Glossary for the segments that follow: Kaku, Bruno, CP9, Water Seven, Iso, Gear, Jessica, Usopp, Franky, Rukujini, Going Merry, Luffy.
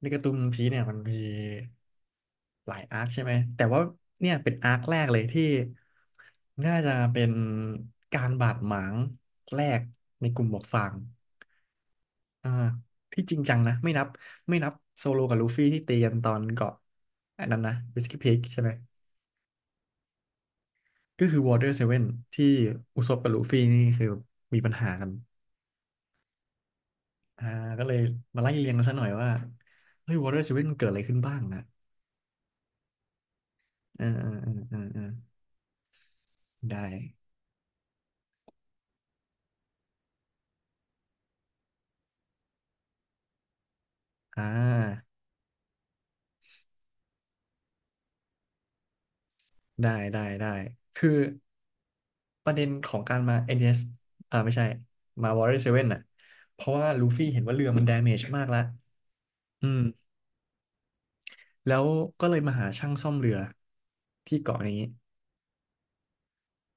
ในการ์ตูนพีเนี่ยมันมีหลายอาร์คใช่ไหมแต่ว่าเนี่ยเป็นอาร์คแรกเลยที่น่าจะเป็นการบาดหมางแรกในกลุ่มหมวกฟางอ่าที่จริงจังนะไม่นับโซโลกับลูฟี่ที่ตีกันตอนเกาะอันนั้นนะวิสกี้พีคใช่ไหมก็คือวอเตอร์เซเว่นที่อุซบกับลูฟี่นี่คือมีปัญหากันอ่าก็เลยมาไล่เรียงกันซะหน่อยว่าเฮ้ยวอเตอร์เซเว่นเกิดอะไรขึ้นบ้างนะเออได้อ่า ได้ คือประเด็นของการมา NDS อนดีเอสอ่าไม่ใช่มา Warrior Seven น่ะ เพราะว่าลูฟี่เห็นว่าเรือมัน damage มากแล้ว อืม แล้วก็เลยมาหาช่างซ่อมเรือที่เกาะนี้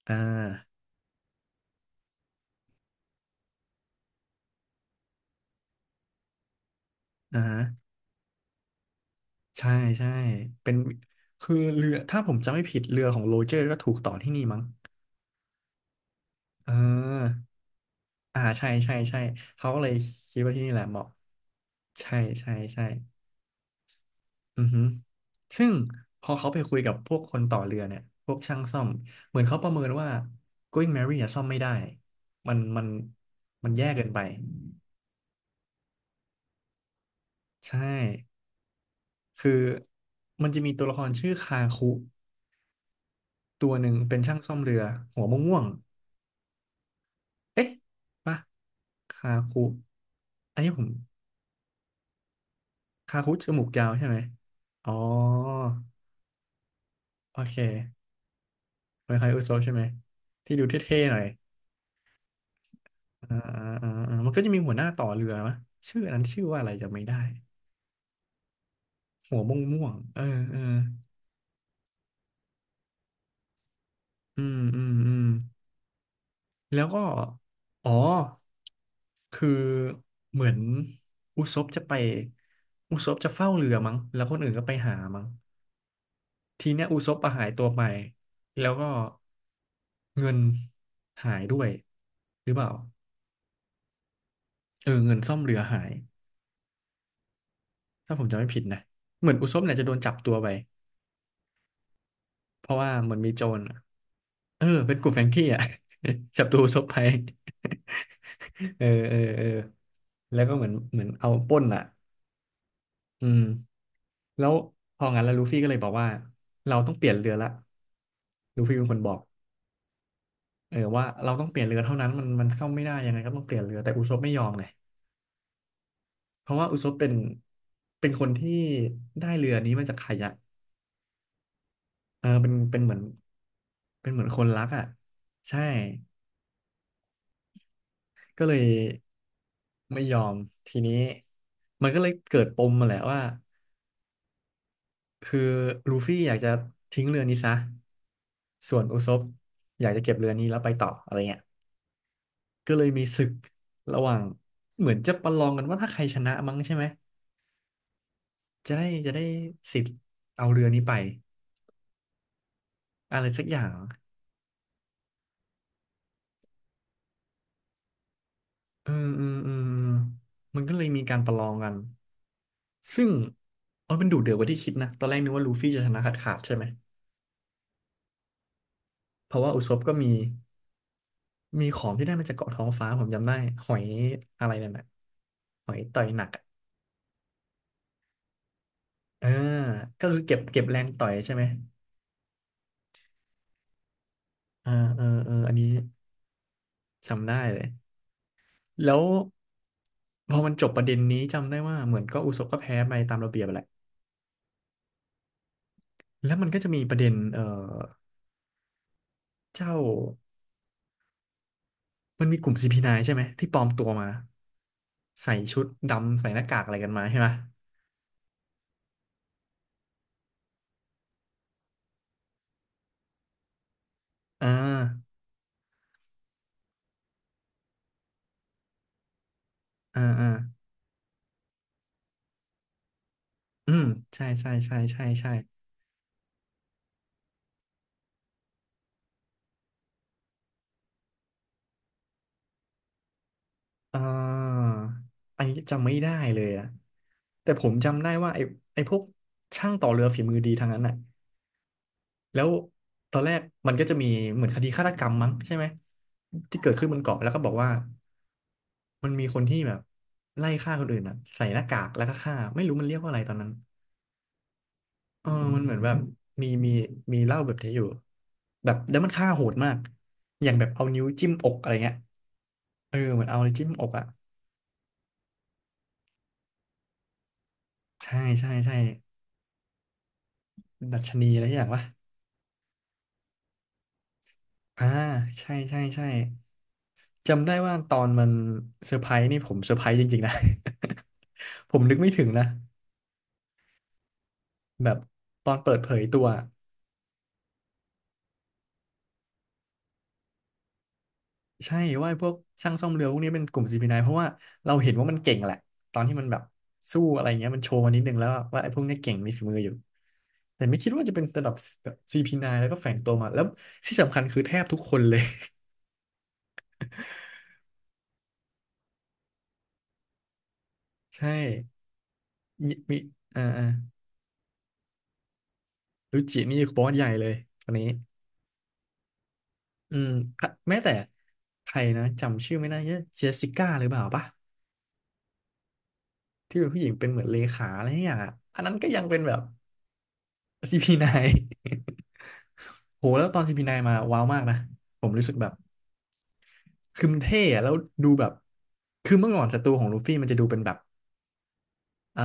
อ่าอ่าฮะใช่ใช่เป็นคือเรือ ถ้าผมจำไม่ผิดเรือของโรเจอร์ก็ถูกต่อที่นี่มั้งเอออ่า ใช่ใช่ใช่เขาก็เลยคิดว่าที่นี่แหละเหมาะ ใช่ใช่ใช่ อือฮึซึ่งพอเขาไปคุยกับพวกคนต่อเรือเนี่ยพวกช่างซ่อม เหมือนเขาประเมินว่า Going Merry อะซ่อมไม่ได้มันมันแย่เกินไป ใช่ คือมันจะมีตัวละครชื่อคาคุตัวหนึ่งเป็นช่างซ่อมเรือหัวม่วงๆเอ๊ะปะคาคุอันนี้ผมคาคุจมูกยาวใช่ไหมอ๋อโอเคเหมือนคล้าคุโซะใช่ไหมที่ดูเท่ๆหน่อย อ่าอ่าอ่าอ่ามันก็จะมีหัวหน้าต่อเรือมะชื่ออันนั้นชื่อว่าอะไรจำไม่ได้หัวม่วงม่วงเออเอออืมแล้วก็อ๋อคือเหมือนอุซปจะไปอุซปจะเฝ้าเรือมั้งแล้วคนอื่นก็ไปหามั้งทีเนี้ยอุซปอะหายตัวไปแล้วก็เงินหายด้วยหรือเปล่าเออเงินซ่อมเรือหายถ้าผมจำไม่ผิดนะเหมือนอุซปเนี่ยจะโดนจับตัวไปเพราะว่าเหมือนมีโจร เออเป็นกลุ่มแฟรงกี้อ่ะ ศัตรูซบภัย เออแล้วก็เหมือนเอาปล้นอ่ะอืมแล้วพองั้นแล้วลูฟี่ก็เลยบอกว่าเราต้องเปลี่ยนเรือละลูฟี่เป็นคนบอกเออว่าเราต้องเปลี่ยนเรือเท่านั้นมันซ่อมไม่ได้ยังไงก็ต้องเปลี่ยนเรือแต่อุซบไม่ยอมไงเพราะว่าอุซบเป็นคนที่ได้เรือนี้มาจากใครอะเออเป็นเหมือนเป็นเหมือนคนรักอ่ะใช่ ก็เลยไม่ยอมทีนี้มันก็เลยเกิดปมมาแหละว่าคือลูฟี่อยากจะทิ้งเรือนี้ซะส่วนอุซบอยากจะเก็บเรือนี้แล้วไปต่ออะไรเงี้ยก็เลยมีศึกระหว่างเหมือนจะประลองกันว่าถ้าใครชนะมั้งใช่ไหมจะได้สิทธิ์เอาเรือนี้ไปอะไรสักอย่างเออมันก็เลยมีการประลองกันซึ่งเออมันดุเดือดกว่าที่คิดนะตอนแรกนึกว่าลูฟี่จะชนะขาดใช่ไหมเพราะว่าอุซบก็มี มีของที่ได้มาจากเกาะท้องฟ้าผมจำได้หอยอะไรนั่นน่ะหอยต่อยหนักอะเออก็คือเก็บแรงต่อยใช่ไหมเอออันนี้จำได้เลยแล้วพอมันจบประเด็นนี้จำได้ว่าเหมือนก็อุศบก็แพ้ไปตามระเบียบแหละแล้วมันก็จะมีประเด็นเออเจ้ามันมีกลุ่มซีพีไน p ์ใช่ไหมที่ปลอมตัวมาใส่ชุดดำใส่หน้ากากอะไรกันมาใช่ไหมอ่าอ่าอ่าอืมใช่ใช่ใช่ใช่ใช่ อ่าอันนี้จำไม่ได้เลยอะแต่ผมจำได้ว่าไอ้พวกช่างต่อเรือฝีมือดีทางนั้นน่ะแล้วตอนแรกมันก็จะมีเหมือนคดีฆาตกรรมมั้งใช่ไหมที่เกิดขึ้นบนเกาะแล้วก็บอกว่ามันมีคนที่แบบไล่ฆ่าคนอื่นอ่ะใส่หน้ากากแล้วก็ฆ่าไม่รู้มันเรียกว่าอะไรตอนนั้นเออมันเหมือนแบบมีมีเล่าแบบนี้อยู่แบบแล้วมันฆ่าโหดมากอย่างแบบเอานิ้วจิ้มอกอะไรเงี้ยเออเหมือนเอาอะไรจิ้มอกอ่ะใช่ใช่ใช่ ดัชนีอะไรอย่างวะอ่า ใช่ใช่ใช่จำได้ว่าตอนมันเซอร์ไพรส์นี่ผมเซอร์ไพรส์จริงๆนะ ผมนึกไม่ถึงนะ แบบตอนเปิดเผยตัว ใช่ ว่าพวกช่างซ่อมเรือพวกนี้เป็นกลุ่ม CP9 เพราะว่าเราเห็นว่ามันเก่งแหละ ตอนที่มันแบบสู้อะไรเงี้ยมันโชว์มานิดนึงแล้วว่าไอ้พวกเนี้ยเก่งมีฝีมืออยู่แต่ไม่คิดว่าจะเป็นระดับแบบ CP9 แล้วก็แฝงตัวมาแล้วที่สำคัญคือแทบทุกคนเลย ใช่มีอ่าอ่ารุจินี่บอสใหญ่เลยคนนี้ อืมแม้แต่ใครนะจำชื่อไม่ได้เจสสิก้าหรือเปล่าปะที่เป็นผู้หญิงเป็นเหมือนเลขาอะไรอย่างอ่ะอันนั้นก็ยังเป็นแบบ CP9 โหแล้วตอน CP9 มาว้าวมากนะผมรู้สึกแบบคือมันเท่อะแล้วดูแบบคือเมื่อก่อนศัตรูของลูฟี่มันจะดูเป็นแบบอ่า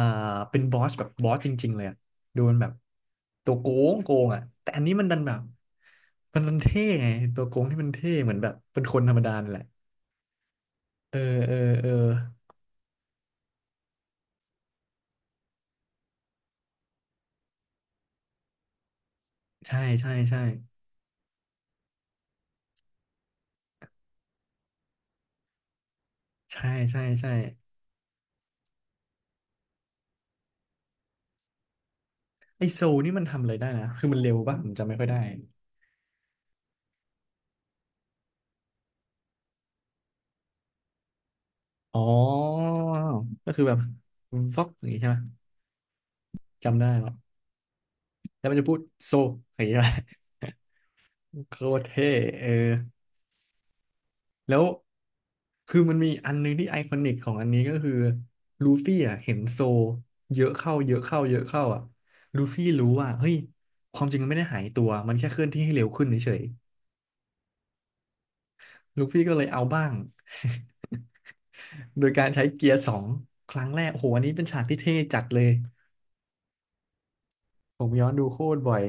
เป็นบอสแบบบอสจริงๆเลยอะดูเป็นแบบตัวโกงอ่ะแต่อันนี้มันดันแบบมันดันเท่ไงตัวโกงที่มันเท่เหมือนแบบเป็นคนธรรมดานั่นแหละเออ ใช่ใช่ใช่ใช่ใช่ใช่ไอโซลนี่มันทำอะไรได้นะคือมันเร็วป่ะผมจำไม่ค่อยได้อ๋อก็คือแบบฟ็อกอย่างงี้ใช่ไหมจำได้แล้วแล้วมันจะพูดโซอย่างงี้ใช่ไหม โคตรเท่เออแล้วคือมันมีอันนึงที่ไอคอนิกของอันนี้ก็คือลูฟี่อ่ะเห็นโซเยอะเข้าเยอะเข้าเยอะเข้าอ่ะลูฟี่รู้ว่าเฮ้ยความจริงมันไม่ได้หายตัวมันแค่เคลื่อนที่ให้เร็วขึ้นเฉยๆลูฟี่ก็เลยเอาบ้าง โดยการใช้เกียร์สองครั้งแรกโอ้โหอันนี้เป็นฉากที่เท่จัดเลยผมย้อนดูโคตรบ่อย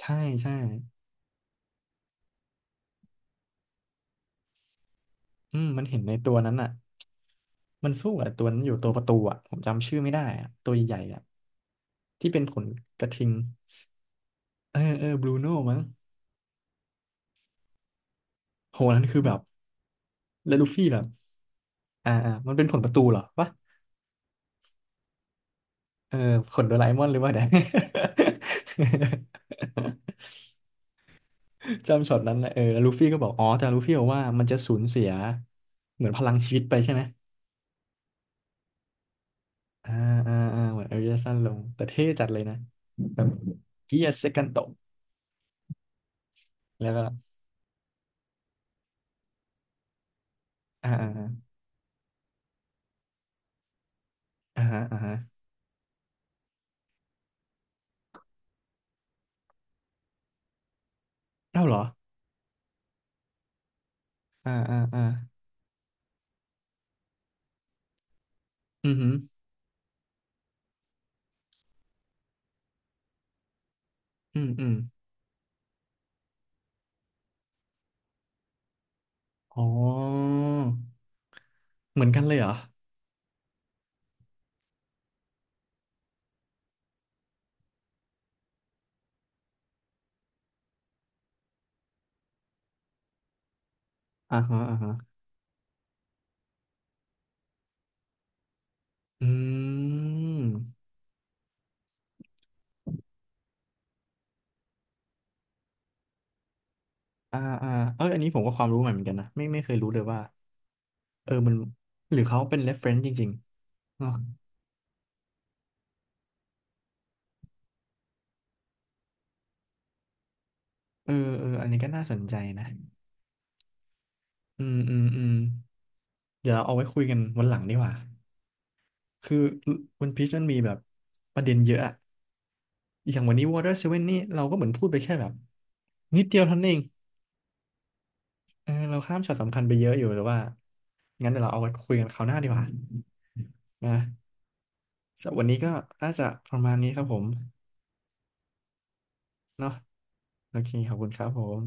ใช่ใช่อืมมันเห็นในตัวนั้นอ่ะมันสู้กับตัวนั้นอยู่ตัวประตูอ่ะผมจำชื่อไม่ได้อ่ะตัวใหญ่ๆอ่ะที่เป็นขนกระทิงเออเออบรูโน่มั้งโหนั่นคือแบบแล้วลูฟี่แบบมันเป็นผลประตูเหรอวะเออผลโดราเอมอนหรือว่าไง จำช็อตนั้นแหละเออแล้วลูฟี่ก็บอกอ๋อแต่ลูฟี่บอกว่ามันจะสูญเสียเหมือนพลังชีวิตไปใช่ไหม อ่าเหมือนอายุจะสั้นลงแต่เท่จัดเลยนะแบบเกียร์เซกันโตแล้วก็อ่าอ่าอ่าฮะเอ้าเหรออ่าอ่าอ่าอืมอหืออืมอืมอ๋อเหมือนกันเลยเหรอ อ่าฮะอ่าฮะอืมอ่าอ่าเอออันนี้ผมก็ความรู้ใหม่เหมือนกันนะไม่เคยรู้เลยว่าเออมันหรือเขาเป็น reference จริงๆเนอะเออเอออันนี้ก็น่าสนใจนะอืมอืมอืมเดี๋ยวเอาไว้คุยกันวันหลังดีกว่า คือวันพีชมันมีแบบประเด็นเยอะอะอย่างวันนี้ Water Seven นี่เราก็เหมือนพูดไปแค่แบบนิดเดียวเท่านั้นเองเออเราข้ามช็อตสำคัญไปเยอะอยู่แต่ว่างั้นเดี๋ยวเราเอาไว้คุยกันคราวหน้าดีกว่านะสำหรับวันนี้ก็น่าจะประมาณนี้ครับผมเนาะโอเคขอบคุณครับผม